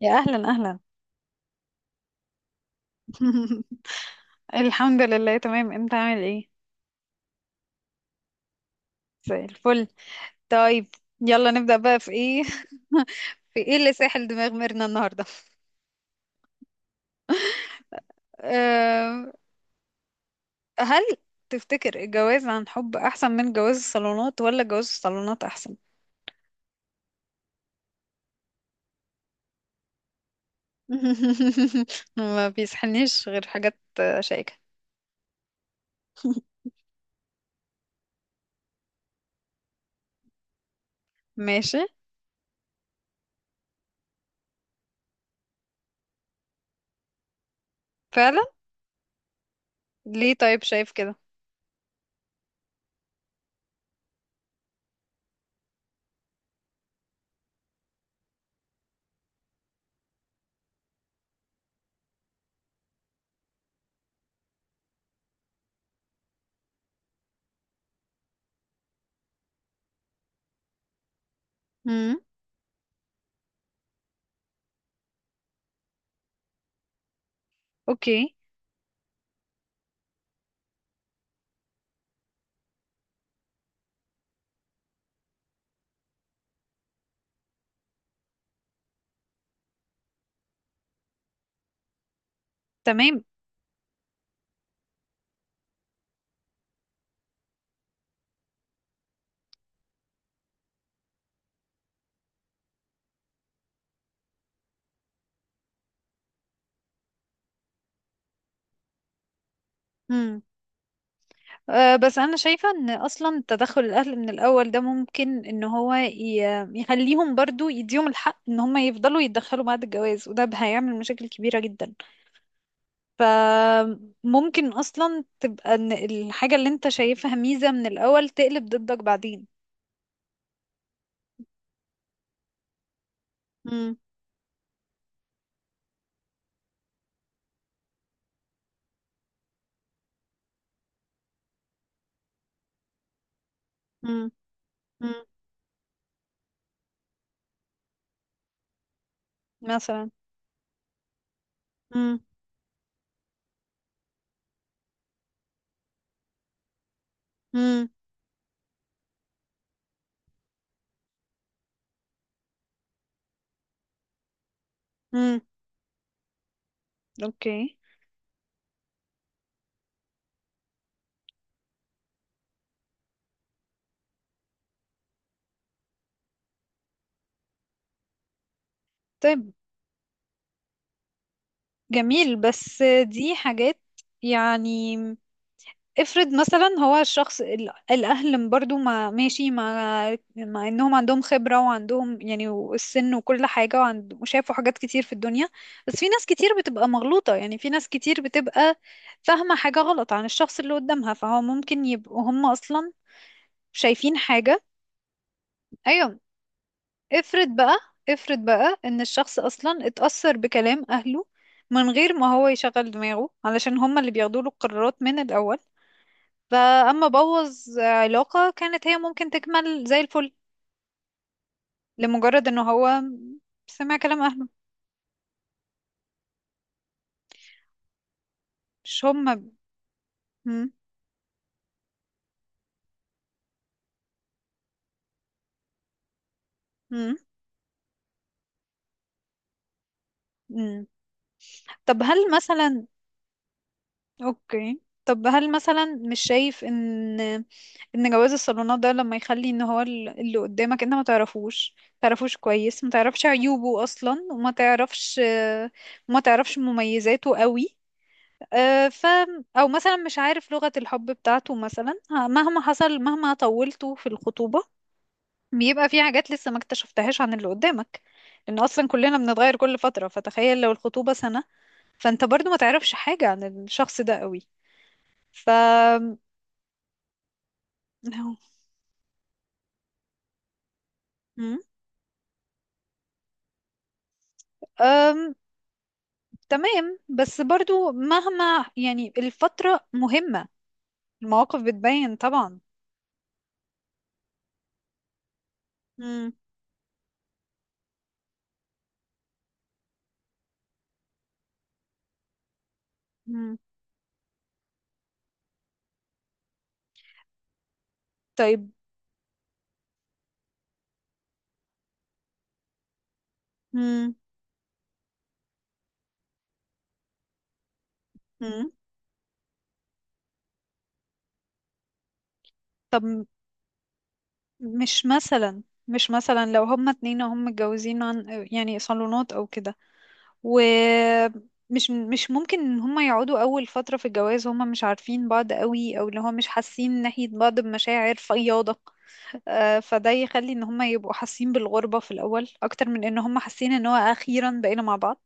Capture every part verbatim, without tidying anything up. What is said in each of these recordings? يا اهلا اهلا. الحمد لله، تمام. انت عامل ايه؟ زي الفل. طيب. يلا نبدأ بقى في ايه في ايه اللي ساحل دماغ ميرنا النهارده؟ أه. هل تفتكر الجواز عن حب احسن من جواز الصالونات ولا جواز الصالونات احسن؟ ما بيسحلنيش غير حاجات آه، شائكة. ماشي. فعلا. ليه طيب شايف كده؟ امم. اوكي. تمام. آه، بس انا شايفة ان اصلا تدخل الاهل من الاول ده ممكن ان هو ي- يخليهم برضو يديهم الحق ان هم يفضلوا يتدخلوا بعد الجواز، وده هيعمل مشاكل كبيرة جدا. فممكن اصلا تبقى ان الحاجة اللي انت شايفها ميزة من الاول تقلب ضدك بعدين. مم. مم. مم. مثلا. مم. مم. مم. اوكي. طيب. جميل، بس دي حاجات يعني. افرض مثلا هو الشخص ال- الاهل برضو ما ماشي مع مع انهم عندهم خبرة وعندهم يعني السن وكل حاجة وعند- وشافوا حاجات كتير في الدنيا، بس في ناس كتير بتبقى مغلوطة. يعني في ناس كتير بتبقى فاهمة حاجة غلط عن الشخص اللي قدامها، فهو ممكن يبقوا هم اصلا شايفين حاجة. ايوه. افرض بقى افرض بقى ان الشخص اصلا اتأثر بكلام اهله، من غير ما هو يشغل دماغه علشان هم اللي بياخدوا له القرارات من الاول. فأما بوظ علاقة كانت هي ممكن تكمل زي الفل، لمجرد انه هو سمع كلام اهله، مش هم. مم. مم. مم. طب هل مثلا اوكي، طب هل مثلا مش شايف ان ان جواز الصالونات ده لما يخلي ان هو ال- اللي قدامك انت ما تعرفوش ما تعرفوش كويس، ما تعرفش عيوبه اصلا، وما تعرفش ما تعرفش مميزاته قوي. آه، ف او مثلا مش عارف لغة الحب بتاعته مثلا، ه- مهما حصل مهما طولته في الخطوبة، بيبقى في حاجات لسه ما اكتشفتهاش عن اللي قدامك. لان اصلا كلنا بنتغير كل فترة، فتخيل لو الخطوبة سنة، فانت برضو ما تعرفش حاجة عن الشخص ده قوي. ف هو- مم. أم... تمام، بس برضو مهما يعني الفترة مهمة. المواقف بتبين طبعا. مم. مم. طيب. مم. مم. طب مش مثلا مش مثلا لو هما اتنين وهم متجوزين عن يعني صالونات او كده، ومش مش مش ممكن ان هما يقعدوا اول فترة في الجواز هما مش عارفين بعض قوي، او اللي هو مش حاسين ناحية بعض بمشاعر فياضة؟ آه، فده يخلي ان هما يبقوا حاسين بالغربة في الاول اكتر من ان هما حاسين ان هو اخيرا بقينا مع بعض.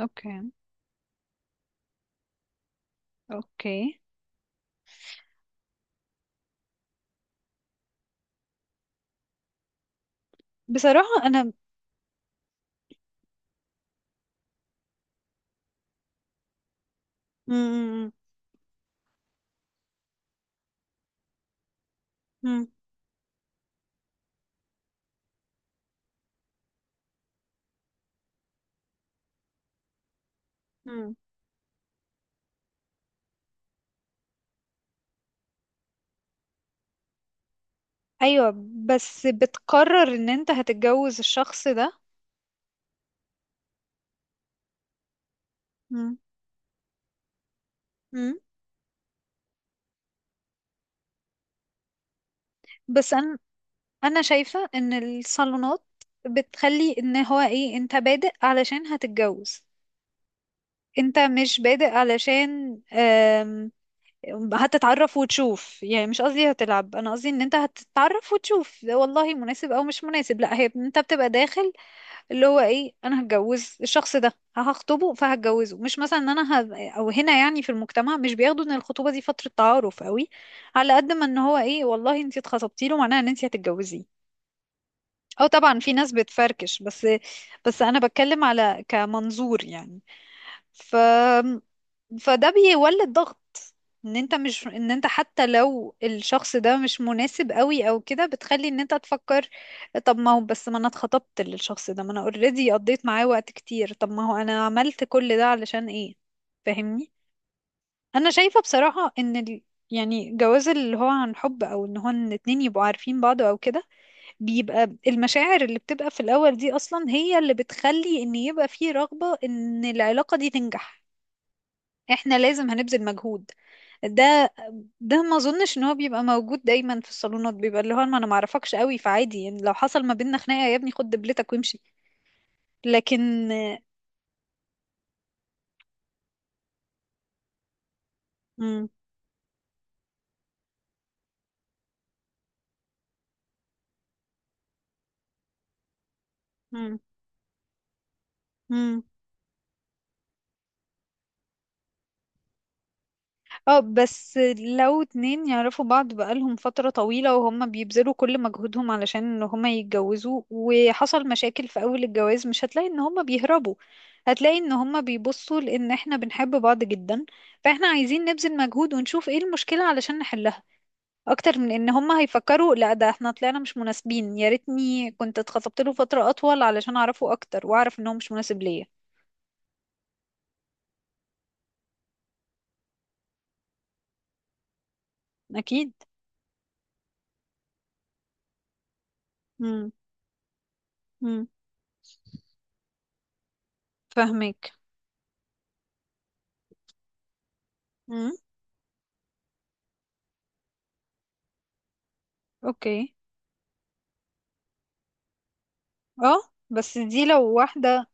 اوكي. اوكي. بصراحة انا. مم. مم. مم. ايوه، بس بتقرر ان انت هتتجوز الشخص ده. مم. بس انا انا شايفة ان الصالونات بتخلي ان هو ايه، انت بادئ علشان هتتجوز. انت مش بادئ علشان آم، هتتعرف وتشوف. يعني مش قصدي هتلعب، انا قصدي ان انت هتتعرف وتشوف والله مناسب او مش مناسب. لا، هي انت بتبقى داخل اللي هو ايه، انا هتجوز الشخص ده، هخطبه فهتجوزه. مش مثلا ان انا ه... او هنا يعني في المجتمع مش بياخدوا ان الخطوبة دي فترة تعارف قوي. على قد ما ان هو ايه، والله انت اتخطبتي له معناها ان انت هتتجوزيه. اه طبعا في ناس بتفركش، بس بس انا بتكلم على كمنظور يعني. ف فده بيولد ضغط. ان انت مش ان انت حتى لو الشخص ده مش مناسب قوي او كده، بتخلي ان انت تفكر طب ما هو، بس ما انا اتخطبت للشخص ده، ما انا اوريدي قضيت معاه وقت كتير، طب ما هو انا عملت كل ده علشان ايه؟ فاهمني. انا شايفة بصراحة ان ال... يعني جواز اللي هو عن حب، او ان هو ان اتنين يبقوا عارفين بعض او كده، بيبقى المشاعر اللي بتبقى في الأول دي أصلا هي اللي بتخلي إن يبقى فيه رغبة إن العلاقة دي تنجح. احنا لازم هنبذل مجهود. ده ده ما اظنش ان هو بيبقى موجود دايما. في الصالونات بيبقى اللي هو ما انا ما اعرفكش قوي، فعادي يعني لو حصل ما بيننا خناقه يا ابني خد دبلتك وامشي. لكن. مم. مم. اه بس لو اتنين يعرفوا بعض بقالهم فترة طويلة وهم بيبذلوا كل مجهودهم علشان ان هما يتجوزوا، وحصل مشاكل في اول الجواز، مش هتلاقي ان هما بيهربوا. هتلاقي ان هما بيبصوا لان احنا بنحب بعض جدا، فاحنا عايزين نبذل مجهود ونشوف ايه المشكلة علشان نحلها. اكتر من ان هما هيفكروا لا ده احنا طلعنا مش مناسبين، يا ريتني كنت اتخطبت له فترة اطول علشان اعرفه اكتر واعرف ان هو مش مناسب ليا. اكيد. امم. امم. فاهمك. امم. اوكي. اه بس دي لو واحدة.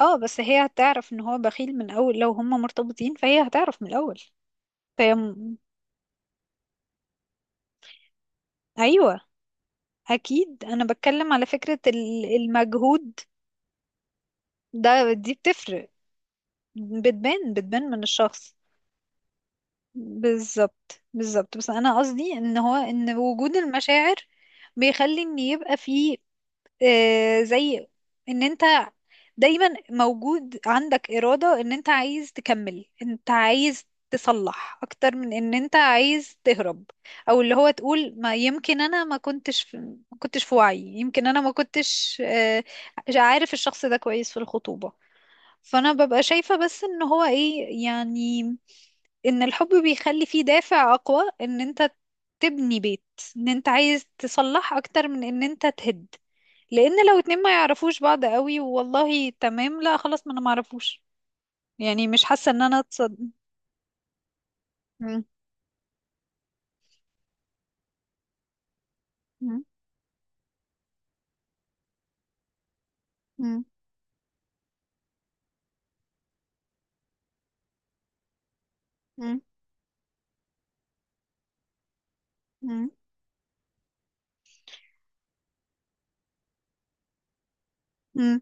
اه بس هي هتعرف ان هو بخيل من اول، لو هما مرتبطين فهي هتعرف من الاول. فهي م- ايوه، اكيد. انا بتكلم على فكرة ال- المجهود ده، دي بتفرق. بتبان بتبان من الشخص. بالظبط، بالظبط. بس انا قصدي ان هو ان وجود المشاعر بيخلي ان يبقى في آه، زي ان انت دايما موجود عندك إرادة ان انت عايز تكمل، انت عايز تصلح اكتر من ان انت عايز تهرب. او اللي هو تقول ما يمكن انا ما كنتش في ما كنتش في وعي، يمكن انا ما كنتش آه، عارف الشخص ده كويس في الخطوبة. فانا ببقى شايفة بس ان هو ايه يعني ان الحب بيخلي فيه دافع اقوى ان انت تبني بيت، ان انت عايز تصلح اكتر من ان انت تهد. لان لو اتنين ما يعرفوش بعض قوي، والله تمام، لا خلاص، ما انا ما اعرفوش، يعني مش حاسة ان انا اتصد. مم. مم. مم. مم. مم. مم.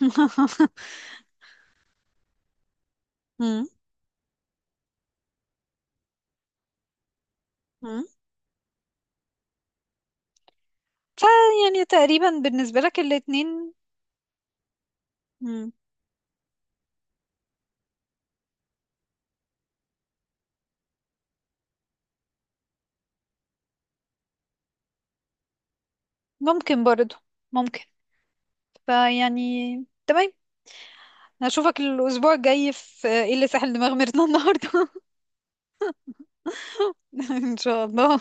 مم. مم. ف يعني تقريبا بالنسبة لك الاتنين. مم. ممكن برضو. ممكن. فيعني. تمام. هشوفك الأسبوع الجاي في إيه اللي ساحل دماغ ميرنا النهاردة؟ إن شاء الله.